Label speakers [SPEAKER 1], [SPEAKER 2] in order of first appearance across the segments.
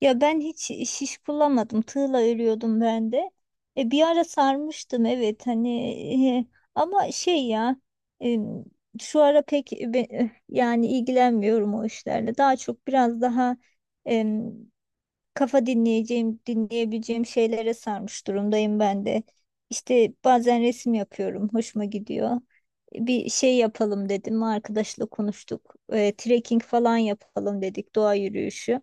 [SPEAKER 1] Ya ben hiç şiş kullanmadım. Tığla örüyordum ben de. Bir ara sarmıştım, evet, e, ama e, şu ara pek yani ilgilenmiyorum o işlerle. Daha çok biraz daha kafa dinleyeceğim, dinleyebileceğim şeylere sarmış durumdayım ben de. İşte bazen resim yapıyorum, hoşuma gidiyor. Bir şey yapalım dedim, arkadaşla konuştuk. Trekking falan yapalım dedik, doğa yürüyüşü.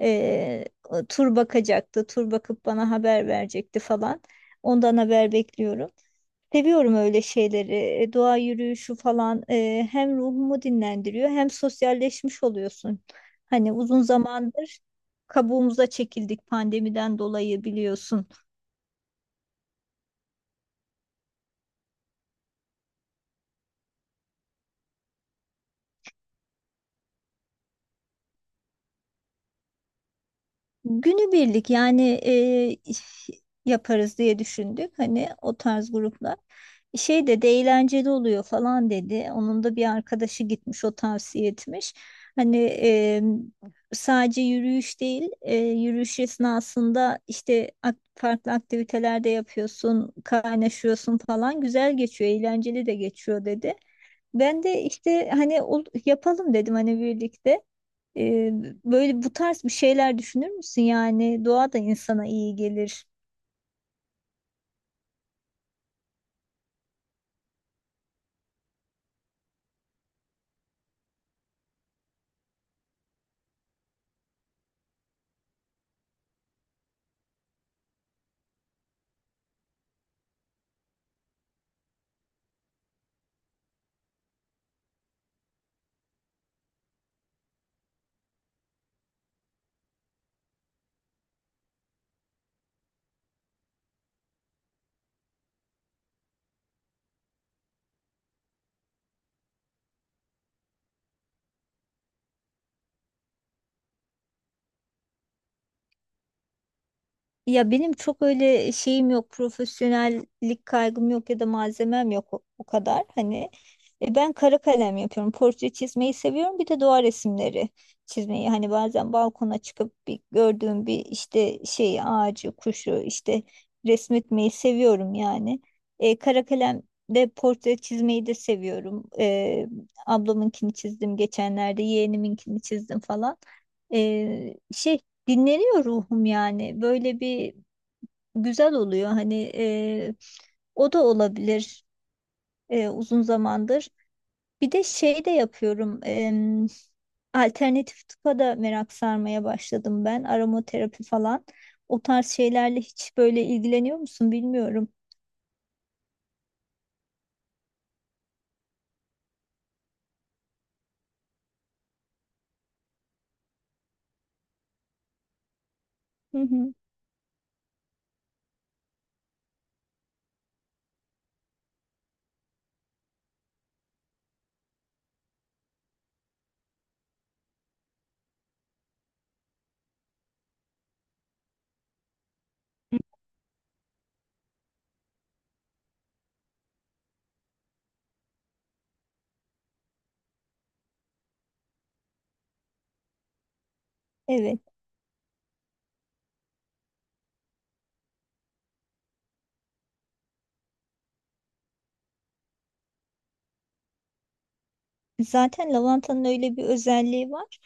[SPEAKER 1] O tur bakacaktı, tur bakıp bana haber verecekti falan. Ondan haber bekliyorum. Seviyorum öyle şeyleri. Doğa yürüyüşü falan, hem ruhumu dinlendiriyor hem sosyalleşmiş oluyorsun. Hani uzun zamandır kabuğumuza çekildik pandemiden dolayı, biliyorsun. Günübirlik yani, yaparız diye düşündük. Hani o tarz gruplar. Şey de eğlenceli oluyor falan dedi. Onun da bir arkadaşı gitmiş, o tavsiye etmiş. Hani e, sadece yürüyüş değil, yürüyüş esnasında işte farklı aktiviteler de yapıyorsun, kaynaşıyorsun falan. Güzel geçiyor, eğlenceli de geçiyor dedi. Ben de işte hani yapalım dedim, hani birlikte. Ee, Böyle bu tarz bir şeyler düşünür müsün? Yani doğa da insana iyi gelir. Ya benim çok öyle şeyim yok, profesyonellik kaygım yok ya da malzemem yok o kadar. Hani ben kara kalem yapıyorum. Portre çizmeyi seviyorum. Bir de doğa resimleri çizmeyi. Hani bazen balkona çıkıp bir gördüğüm bir işte şey ağacı, kuşu işte resmetmeyi seviyorum yani. Kara kalem de portre çizmeyi de seviyorum. Ablamınkini çizdim geçenlerde, yeğeniminkini çizdim falan. Şey dinleniyor ruhum yani. Böyle bir güzel oluyor. Hani o da olabilir, uzun zamandır. Bir de şey de yapıyorum. Alternatif tıpa da merak sarmaya başladım ben. Aromaterapi falan. O tarz şeylerle hiç böyle ilgileniyor musun bilmiyorum. Hı hı. Evet. Zaten lavantanın öyle bir özelliği var.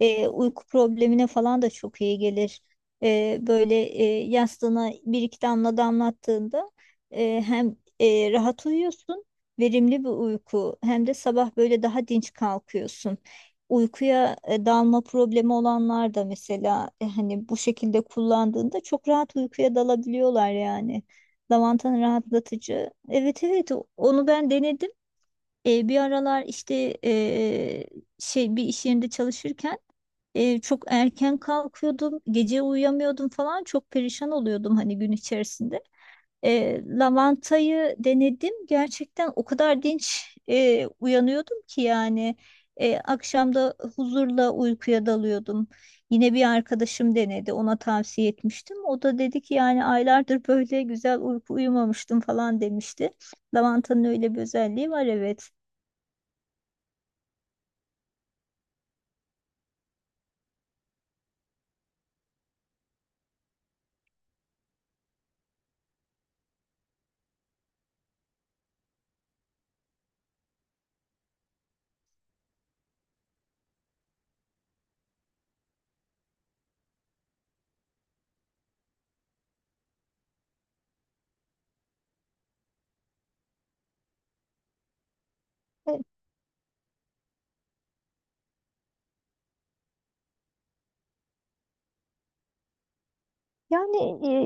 [SPEAKER 1] Uyku problemine falan da çok iyi gelir. Böyle, yastığına bir iki damla damlattığında, hem rahat uyuyorsun, verimli bir uyku, hem de sabah böyle daha dinç kalkıyorsun. Uykuya dalma problemi olanlar da mesela, hani bu şekilde kullandığında çok rahat uykuya dalabiliyorlar yani. Lavantanın rahatlatıcı. Evet, evet, onu ben denedim. Bir aralar işte, şey, bir iş yerinde çalışırken çok erken kalkıyordum, gece uyuyamıyordum falan, çok perişan oluyordum hani gün içerisinde. Lavantayı denedim, gerçekten o kadar dinç uyanıyordum ki yani, akşamda huzurla uykuya dalıyordum. Yine bir arkadaşım denedi, ona tavsiye etmiştim. O da dedi ki yani aylardır böyle güzel uyku uyumamıştım falan demişti. Lavantanın öyle bir özelliği var, evet. Yani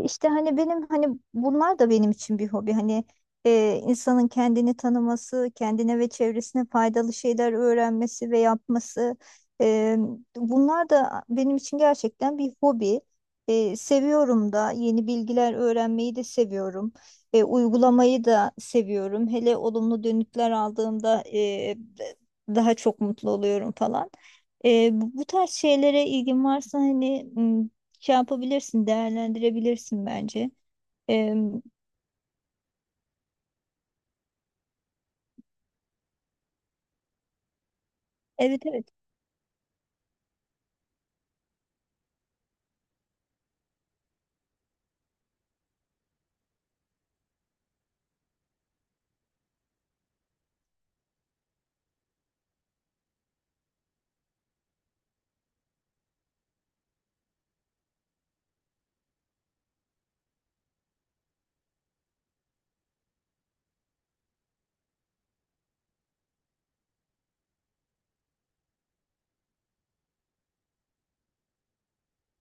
[SPEAKER 1] işte hani benim, bunlar da benim için bir hobi. Hani insanın kendini tanıması, kendine ve çevresine faydalı şeyler öğrenmesi ve yapması. e, Bunlar da benim için gerçekten bir hobi. Seviyorum da, yeni bilgiler öğrenmeyi de seviyorum. Uygulamayı da seviyorum. Hele olumlu dönütler aldığımda, daha çok mutlu oluyorum falan. Bu tarz şeylere ilgin varsa hani şey yapabilirsin, değerlendirebilirsin bence. Ee, evet, evet.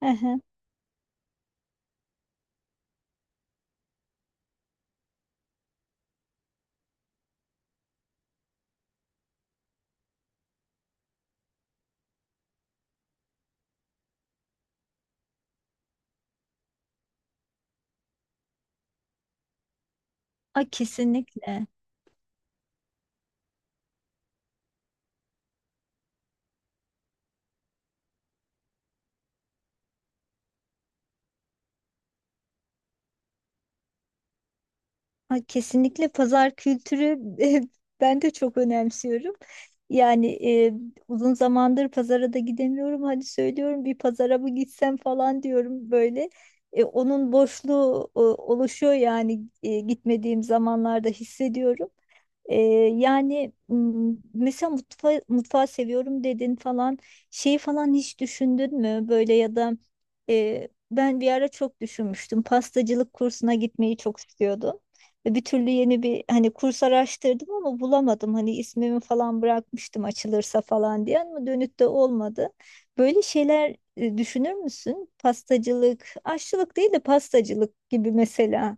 [SPEAKER 1] Aha. A, kesinlikle. A, kesinlikle pazar kültürü ben de çok önemsiyorum. Yani uzun zamandır pazara da gidemiyorum. Hadi söylüyorum, bir pazara mı gitsem falan diyorum böyle. Onun boşluğu oluşuyor yani, gitmediğim zamanlarda hissediyorum. Ee, Yani mesela mutfağı seviyorum dedin falan, şeyi falan hiç düşündün mü böyle? Ya da ben bir ara çok düşünmüştüm, pastacılık kursuna gitmeyi çok istiyordum ve bir türlü yeni bir hani kurs araştırdım ama bulamadım, hani ismimi falan bırakmıştım açılırsa falan diye ama dönüt de olmadı. Böyle şeyler, düşünür müsün? Pastacılık, aşçılık değil de pastacılık gibi mesela.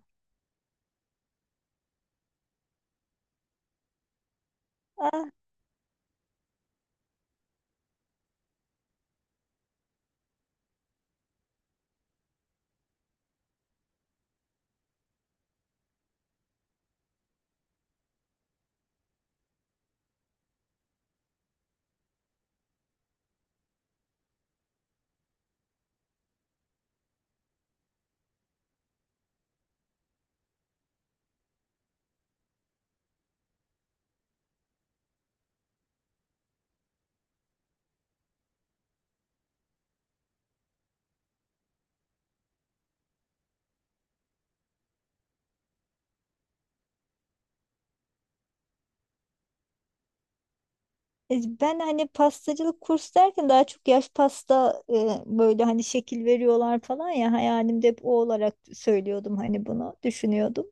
[SPEAKER 1] Ben hani pastacılık kursu derken daha çok yaş pasta, böyle hani şekil veriyorlar falan ya, hayalimde hep o olarak söylüyordum, hani bunu düşünüyordum.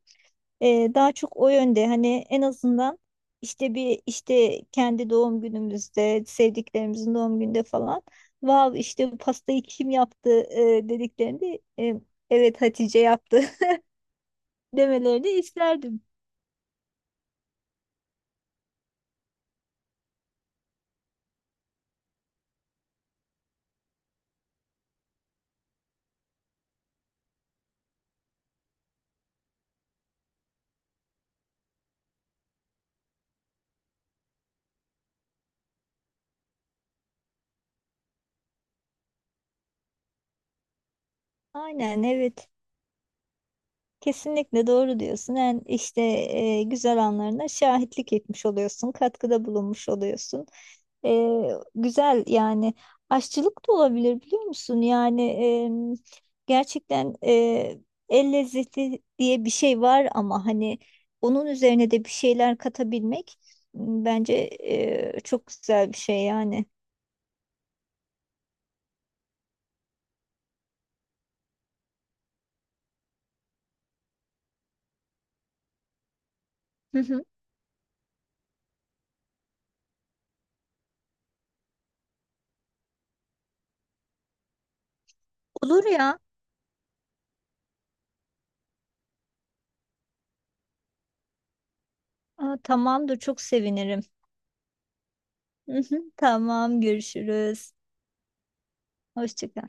[SPEAKER 1] Daha çok o yönde, hani en azından işte bir işte kendi doğum günümüzde, sevdiklerimizin doğum günde falan, vav işte bu pastayı kim yaptı, dediklerinde, evet Hatice yaptı demelerini isterdim. Aynen evet. Kesinlikle doğru diyorsun. Yani işte, güzel anlarına şahitlik etmiş oluyorsun, katkıda bulunmuş oluyorsun. E, Güzel yani. Aşçılık da olabilir, biliyor musun? Yani gerçekten el lezzeti diye bir şey var ama hani onun üzerine de bir şeyler katabilmek, bence çok güzel bir şey yani. Hı hı. Olur ya. Aa, tamamdır, çok sevinirim. Hı hı. Tamam, görüşürüz. Hoşça kal.